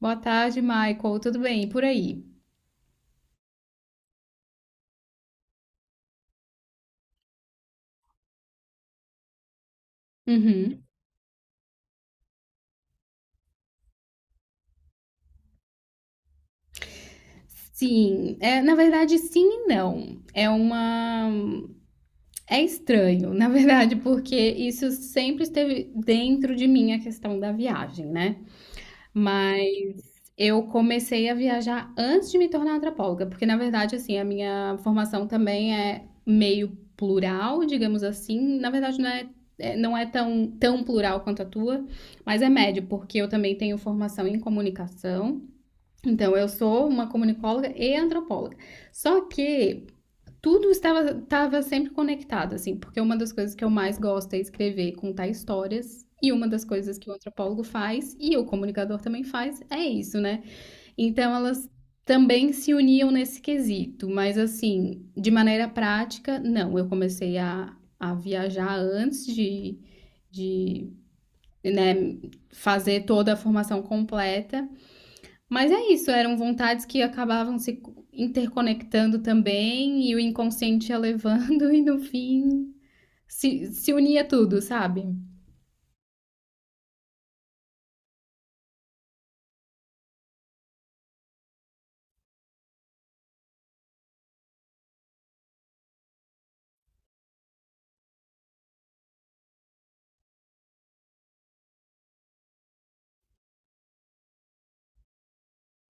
Boa tarde, Michael. Tudo bem? E por aí? Uhum. Sim, na verdade, sim e não. É uma. É estranho, na verdade, porque isso sempre esteve dentro de mim a questão da viagem, né? Mas eu comecei a viajar antes de me tornar antropóloga, porque na verdade, assim, a minha formação também é meio plural, digamos assim. Na verdade, não é, não é tão plural quanto a tua, mas é médio, porque eu também tenho formação em comunicação. Então, eu sou uma comunicóloga e antropóloga. Só que tudo estava sempre conectado, assim, porque uma das coisas que eu mais gosto é escrever, contar histórias. E uma das coisas que o antropólogo faz, e o comunicador também faz, é isso, né? Então, elas também se uniam nesse quesito, mas assim, de maneira prática, não. Eu comecei a viajar antes de né, fazer toda a formação completa. Mas é isso, eram vontades que acabavam se interconectando também, e o inconsciente ia levando, e no fim se unia tudo, sabe?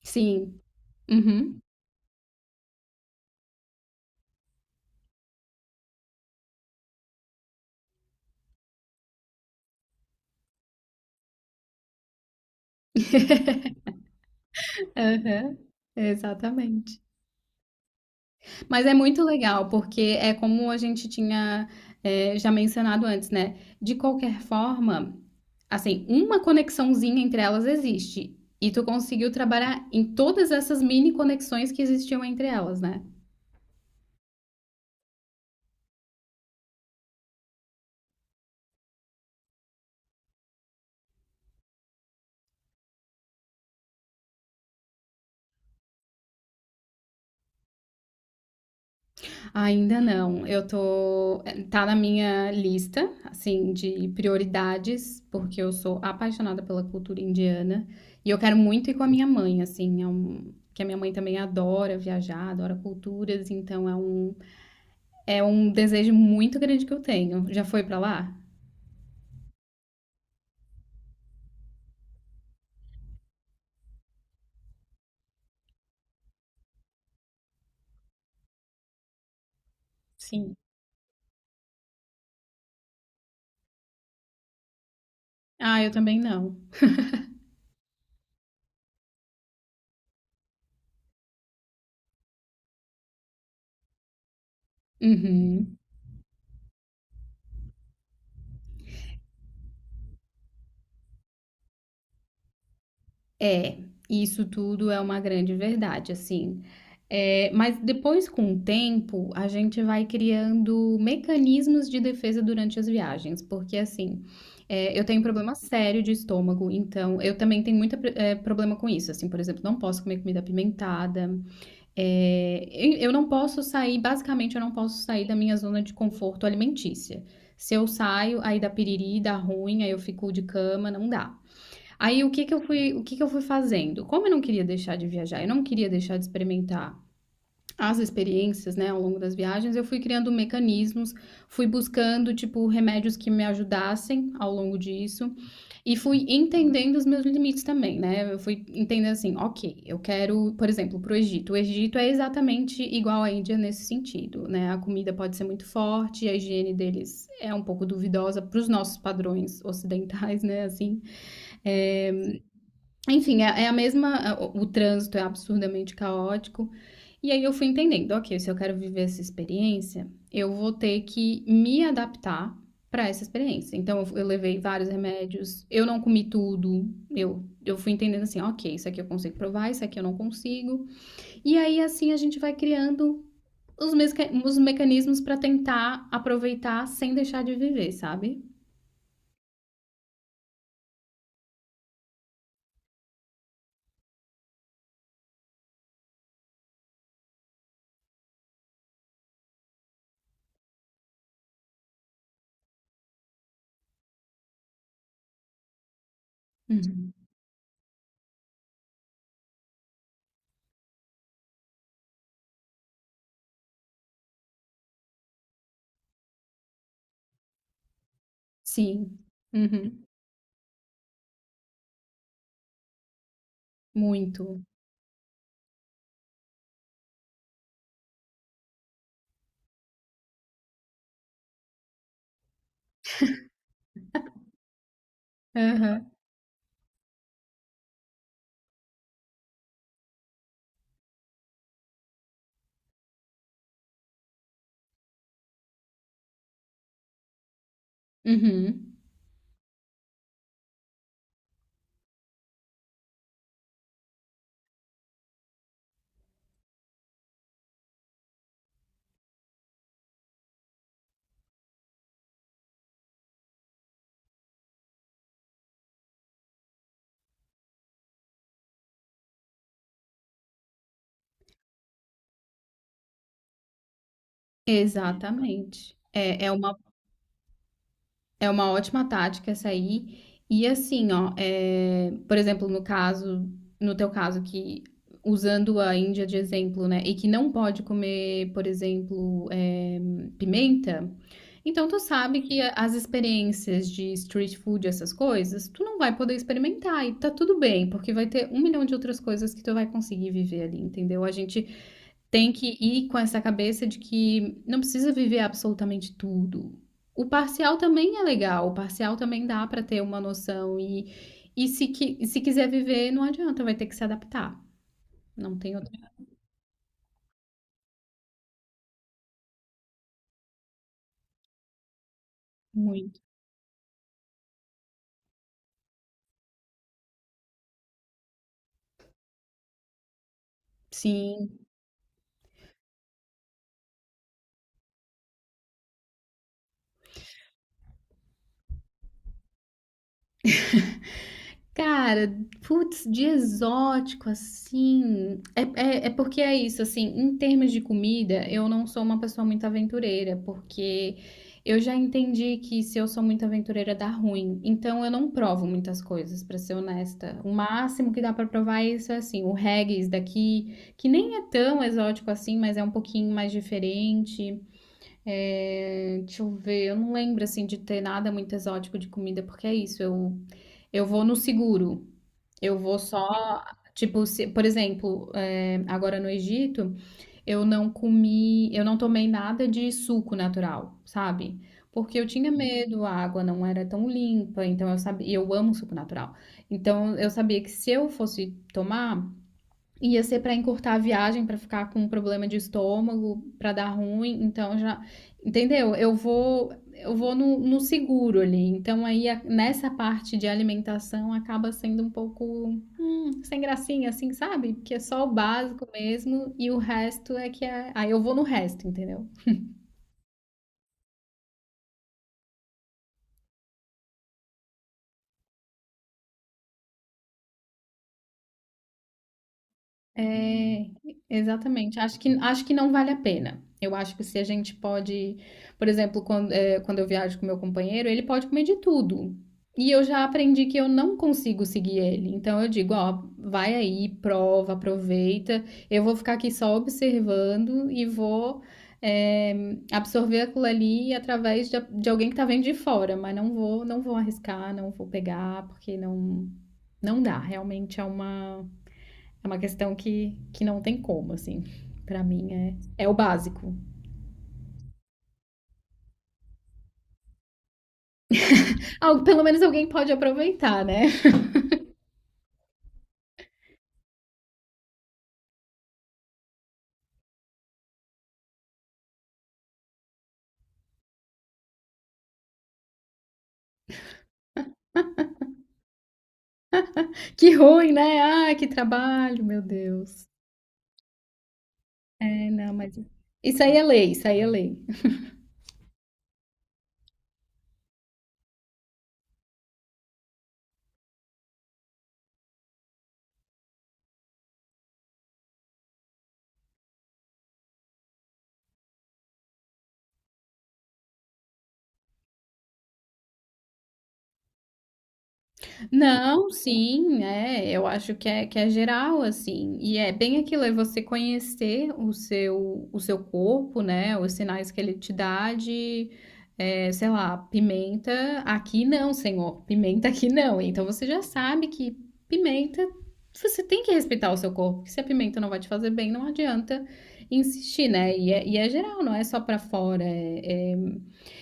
Sim. Uhum. Aham. Exatamente. Mas é muito legal, porque é como a gente tinha, já mencionado antes, né? De qualquer forma, assim, uma conexãozinha entre elas existe. E tu conseguiu trabalhar em todas essas mini conexões que existiam entre elas, né? Ainda não. Eu tô, tá na minha lista, assim, de prioridades, porque eu sou apaixonada pela cultura indiana e eu quero muito ir com a minha mãe, assim, é um, que a minha mãe também adora viajar, adora culturas, então é um desejo muito grande que eu tenho. Já foi pra lá? Sim. Ah, eu também não. Uhum. É, isso tudo é uma grande verdade, assim. É, mas depois, com o tempo, a gente vai criando mecanismos de defesa durante as viagens, porque assim, é, eu tenho um problema sério de estômago, então eu também tenho muito é, problema com isso. Assim, por exemplo, não posso comer comida apimentada, é, eu não posso sair, basicamente, eu não posso sair da minha zona de conforto alimentícia. Se eu saio, aí dá piriri, dá ruim, aí eu fico de cama, não dá. Aí o que que eu fui, o que que eu fui fazendo? Como eu não queria deixar de viajar, eu não queria deixar de experimentar as experiências, né, ao longo das viagens, eu fui criando mecanismos, fui buscando, tipo, remédios que me ajudassem ao longo disso e fui entendendo os meus limites também, né? Eu fui entendendo assim, ok, eu quero, por exemplo, pro Egito. O Egito é exatamente igual à Índia nesse sentido, né? A comida pode ser muito forte, a higiene deles é um pouco duvidosa para os nossos padrões ocidentais, né, assim. É, enfim, é a mesma é, o trânsito é absurdamente caótico. E aí eu fui entendendo: "Ok, se eu quero viver essa experiência, eu vou ter que me adaptar para essa experiência". Então eu levei vários remédios, eu não comi tudo, eu fui entendendo assim: "Ok, isso aqui eu consigo provar, isso aqui eu não consigo". E aí, assim, a gente vai criando os mecanismos para tentar aproveitar sem deixar de viver, sabe? Uhum. Sim. Uhum. Muito. Aham. Uhum. Exatamente. É, é uma ótima tática essa aí. E assim, ó, é, por exemplo, no caso, no teu caso que usando a Índia de exemplo, né, e que não pode comer, por exemplo, é, pimenta, então tu sabe que as experiências de street food, essas coisas, tu não vai poder experimentar e tá tudo bem, porque vai ter um milhão de outras coisas que tu vai conseguir viver ali, entendeu? A gente tem que ir com essa cabeça de que não precisa viver absolutamente tudo. O parcial também é legal, o parcial também dá para ter uma noção e se, se quiser viver, não adianta, vai ter que se adaptar. Não tem outra. Muito. Sim. Cara, putz, de exótico, assim. É, é porque é isso, assim, em termos de comida, eu não sou uma pessoa muito aventureira, porque eu já entendi que se eu sou muito aventureira dá ruim. Então eu não provo muitas coisas, pra ser honesta. O máximo que dá pra provar é isso, é assim, o haggis daqui, que nem é tão exótico assim, mas é um pouquinho mais diferente. É, deixa eu ver, eu não lembro assim de ter nada muito exótico de comida, porque é isso, eu vou no seguro. Eu vou só, tipo, por exemplo, é, agora no Egito, eu não comi, eu não tomei nada de suco natural, sabe? Porque eu tinha medo, a água não era tão limpa, então eu sabia, e eu amo suco natural. Então eu sabia que se eu fosse tomar, ia ser pra encurtar a viagem, pra ficar com um problema de estômago, pra dar ruim, então já, entendeu? Eu vou no, no seguro ali. Então aí nessa parte de alimentação acaba sendo um pouco sem gracinha, assim, sabe? Porque é só o básico mesmo e o resto é que é. Aí eu vou no resto, entendeu? É, exatamente. Acho que não vale a pena. Eu acho que se a gente pode, por exemplo, quando, quando eu viajo com meu companheiro, ele pode comer de tudo. E eu já aprendi que eu não consigo seguir ele. Então eu digo, ó, vai aí, prova, aproveita. Eu vou ficar aqui só observando e vou, absorver aquilo ali através de alguém que tá vendo de fora, mas não vou arriscar, não vou pegar, porque não, não dá. Realmente é uma questão que não tem como, assim. Pra mim é, é o básico. Ah, pelo menos alguém pode aproveitar, né? Que ruim, né? Ah, que trabalho, meu Deus. É, não, mas isso aí é lei, isso aí é lei. Não, sim, é, eu acho que é geral, assim, e é bem aquilo, é você conhecer o seu corpo, né, os sinais que ele te dá de, é, sei lá, pimenta, aqui não, senhor, pimenta aqui não, então você já sabe que pimenta, você tem que respeitar o seu corpo, porque se a pimenta não vai te fazer bem, não adianta insistir, né, e é geral, não é só pra fora, é, é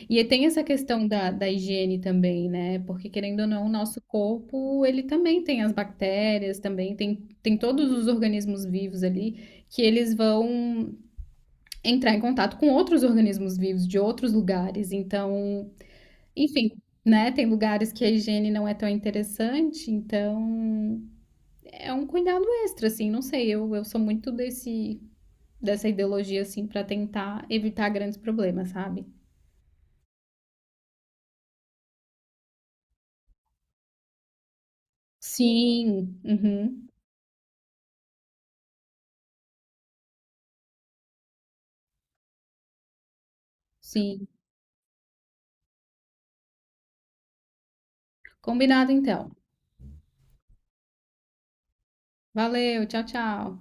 e tem essa questão da, da higiene também, né? Porque querendo ou não, o nosso corpo, ele também tem as bactérias, também tem, tem todos os organismos vivos ali que eles vão entrar em contato com outros organismos vivos de outros lugares. Então, enfim, né? Tem lugares que a higiene não é tão interessante, então é um cuidado extra, assim. Não sei, eu sou muito desse dessa ideologia assim para tentar evitar grandes problemas, sabe? Sim, uhum, sim. Combinado então. Valeu, tchau, tchau.